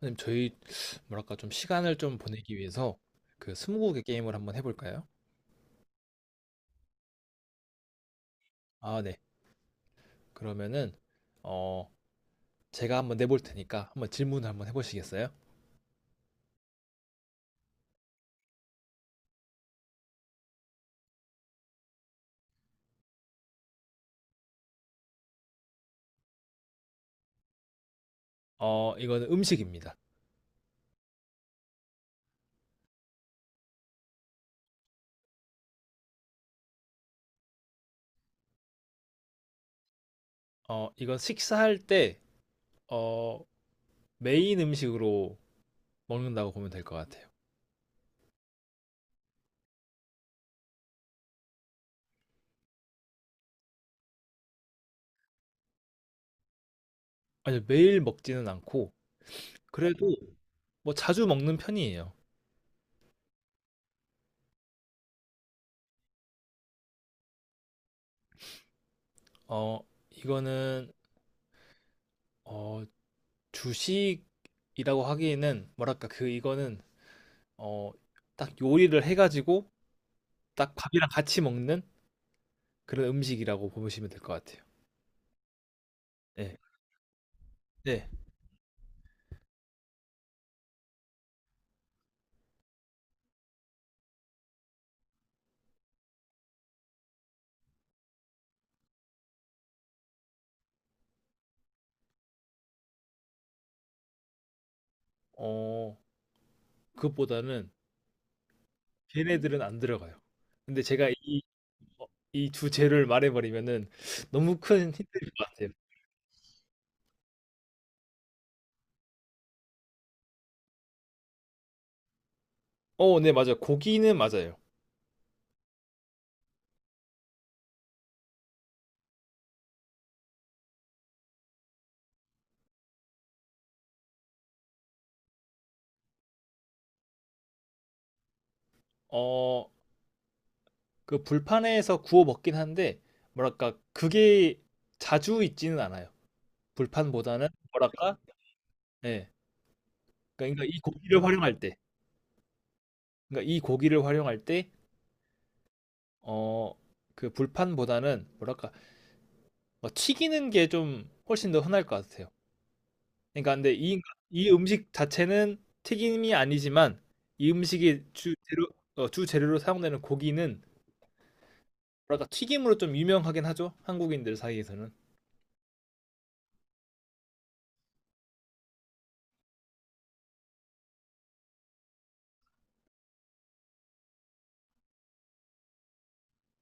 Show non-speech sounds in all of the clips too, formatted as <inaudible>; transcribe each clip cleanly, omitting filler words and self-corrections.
선생님, 저희 뭐랄까 좀 시간을 좀 보내기 위해서 그 스무고개 게임을 한번 해볼까요? 아, 네. 그러면은 어 제가 한번 내볼 테니까 한번 질문을 한번 해보시겠어요? 어, 이거는 음식입니다. 어, 이건 식사할 때 어, 메인 음식으로 먹는다고 보면 될 것 같아요. 아니, 매일 먹지는 않고 그래도 뭐 자주 먹는 편이에요. 어, 이거는 어, 주식이라고 하기에는 뭐랄까 그 이거는 어, 딱 요리를 해 가지고 딱 밥이랑 같이 먹는 그런 음식이라고 보시면 될 것 같아요. 네, 네. 어 그것보다는 걔네들은 안 들어가요. 근데 제가 이 어 이주 재료를 말해 버리면은 너무 큰 힌트일 것 같아요. 어, 네 맞아요. 고기는 맞아요. 어, 그 불판에서 구워 먹긴 한데 뭐랄까 그게 자주 있지는 않아요. 불판보다는 뭐랄까 예. 그러니까 이 고기를 활용할 때 그러니까 이 고기를 활용할 때 어, 그 불판보다는 뭐랄까 뭐 튀기는 게 좀 훨씬 더 흔할 것 같아요. 그러니까 근데 이, 이 음식 자체는 튀김이 아니지만 이 음식이 주 재료 어, 주 재료로 사용되는 고기는 뭐랄까 튀김으로 좀 유명하긴 하죠. 한국인들 사이에서는.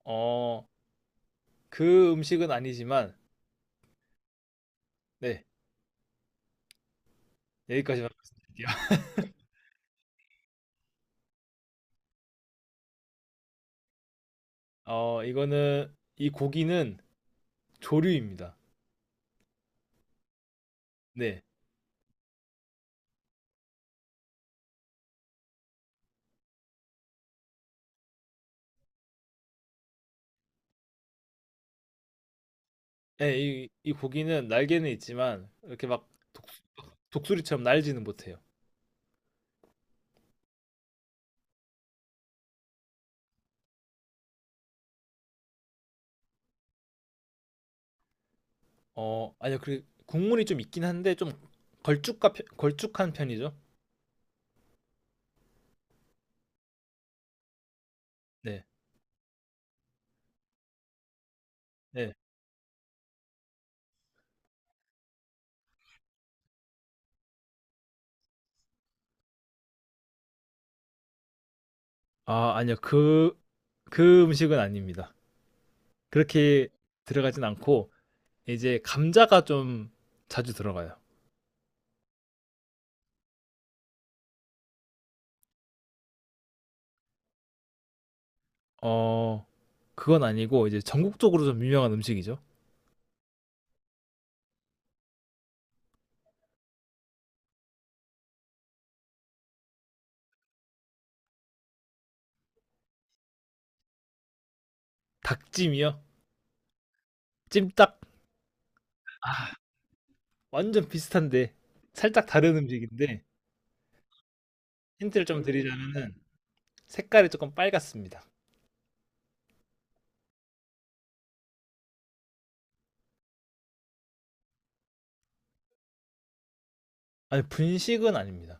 어, 그 음식은 아니지만 네, 여기까지만 말씀드릴게요. <laughs> 어, 이거는 이 고기는 조류입니다. 네. 네, 이, 이 고기는 날개는 있지만 이렇게 막 독, 독수리처럼 날지는 못해요. 어, 아니요. 그 국물이 좀 있긴 한데 좀 걸쭉한 편이죠. 네. 네. 아, 아니요. 그 음식은 아닙니다. 그렇게 들어가진 않고 이제 감자가 좀 자주 들어가요. 어, 그건 아니고 이제 전국적으로 좀 유명한 음식이죠. 닭찜이요. 찜닭 완전 비슷한데 살짝 다른 음식인데 힌트를 좀 드리자면은 색깔이 조금 빨갛습니다. 아니, 분식은 아닙니다.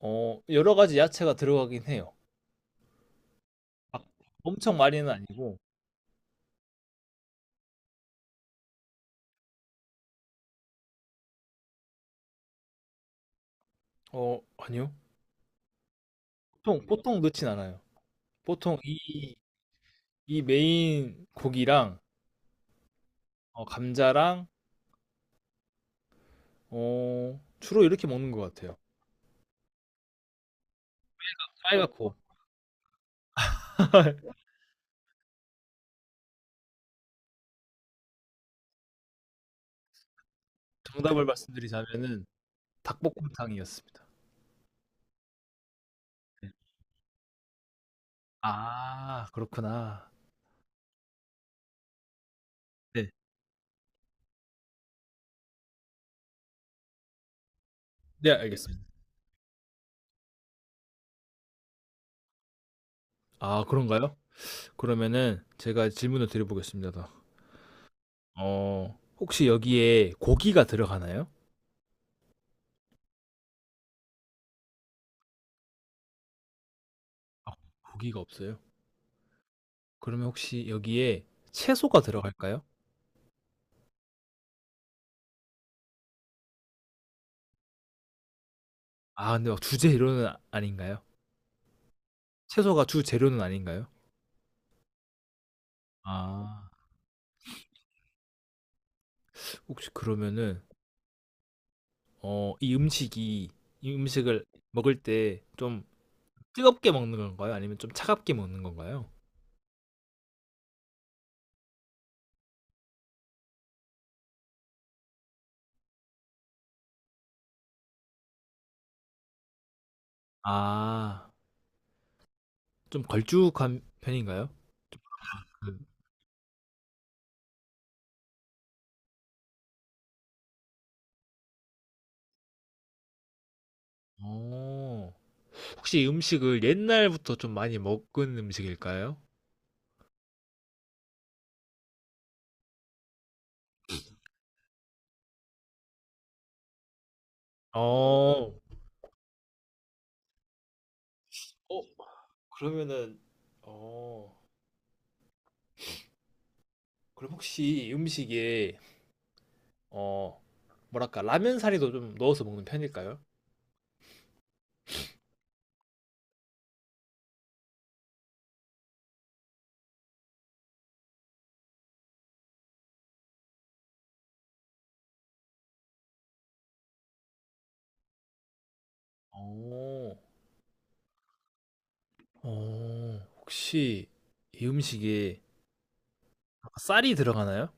어, 여러 가지 야채가 들어가긴 해요. 막 엄청 많이는 아니고 어, 아니요. 보통 넣진 않아요. 보통 이, 이 메인 고기랑 어, 감자랑 어, 주로 이렇게 먹는 것 같아요. 빨갛고 <laughs> 정답을 말씀드리자면은 닭볶음탕이었습니다. 아, 그렇구나. 네, 네 알겠습니다. 아, 그런가요? 그러면은 제가 질문을 드려보겠습니다. 어, 혹시 여기에 고기가 들어가나요? 아, 고기가 없어요. 그러면 혹시 여기에 채소가 들어갈까요? 아 근데 막 주재료는 아닌가요? 채소가 주재료는 아닌가요? 아. 혹시 그러면은 이 음식이 이 음식을 먹을 때 좀 뜨겁게 먹는 건가요? 아니면 좀 차갑게 먹는 건가요? 아. 좀 걸쭉한 편인가요? 어. 혹시 이 음식을 옛날부터 좀 많이 먹은 음식일까요? 어. 어 그러면은 어 그럼 혹시 이 음식에 어 뭐랄까 라면 사리도 좀 넣어서 먹는 편일까요? 오 어. 혹시 이 음식에 아까 쌀이 들어가나요?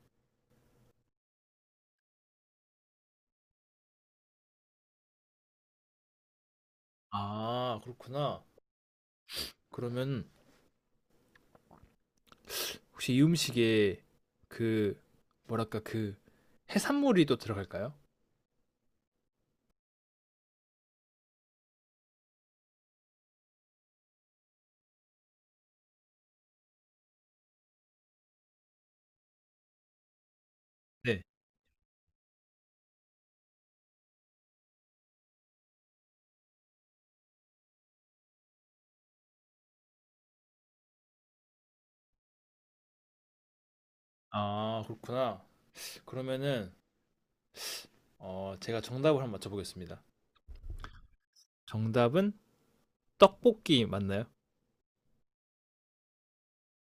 아, 그렇구나. 그러면 혹시 이 음식에 그 뭐랄까 그 해산물이 또 들어갈까요? 네. 아, 그렇구나. 그러면은 어, 제가 정답을 한 번 맞춰보겠습니다. 정답은 떡볶이 맞나요?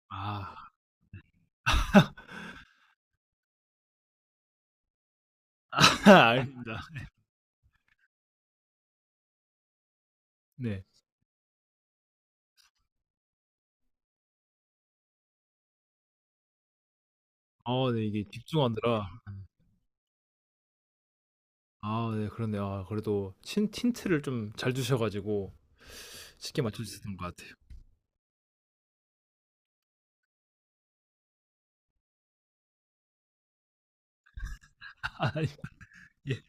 아, <laughs> 알겠습니다. 네. 어, 네, 이게 집중하느라. 아, 네, 그렇네요. 아, 그래도 친, 틴트를 좀 잘 주셔가지고 쉽게 맞춰주셨던 것 같아요. 아, 예.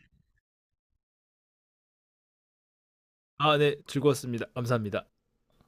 아, 네. 즐거웠습니다. 감사합니다.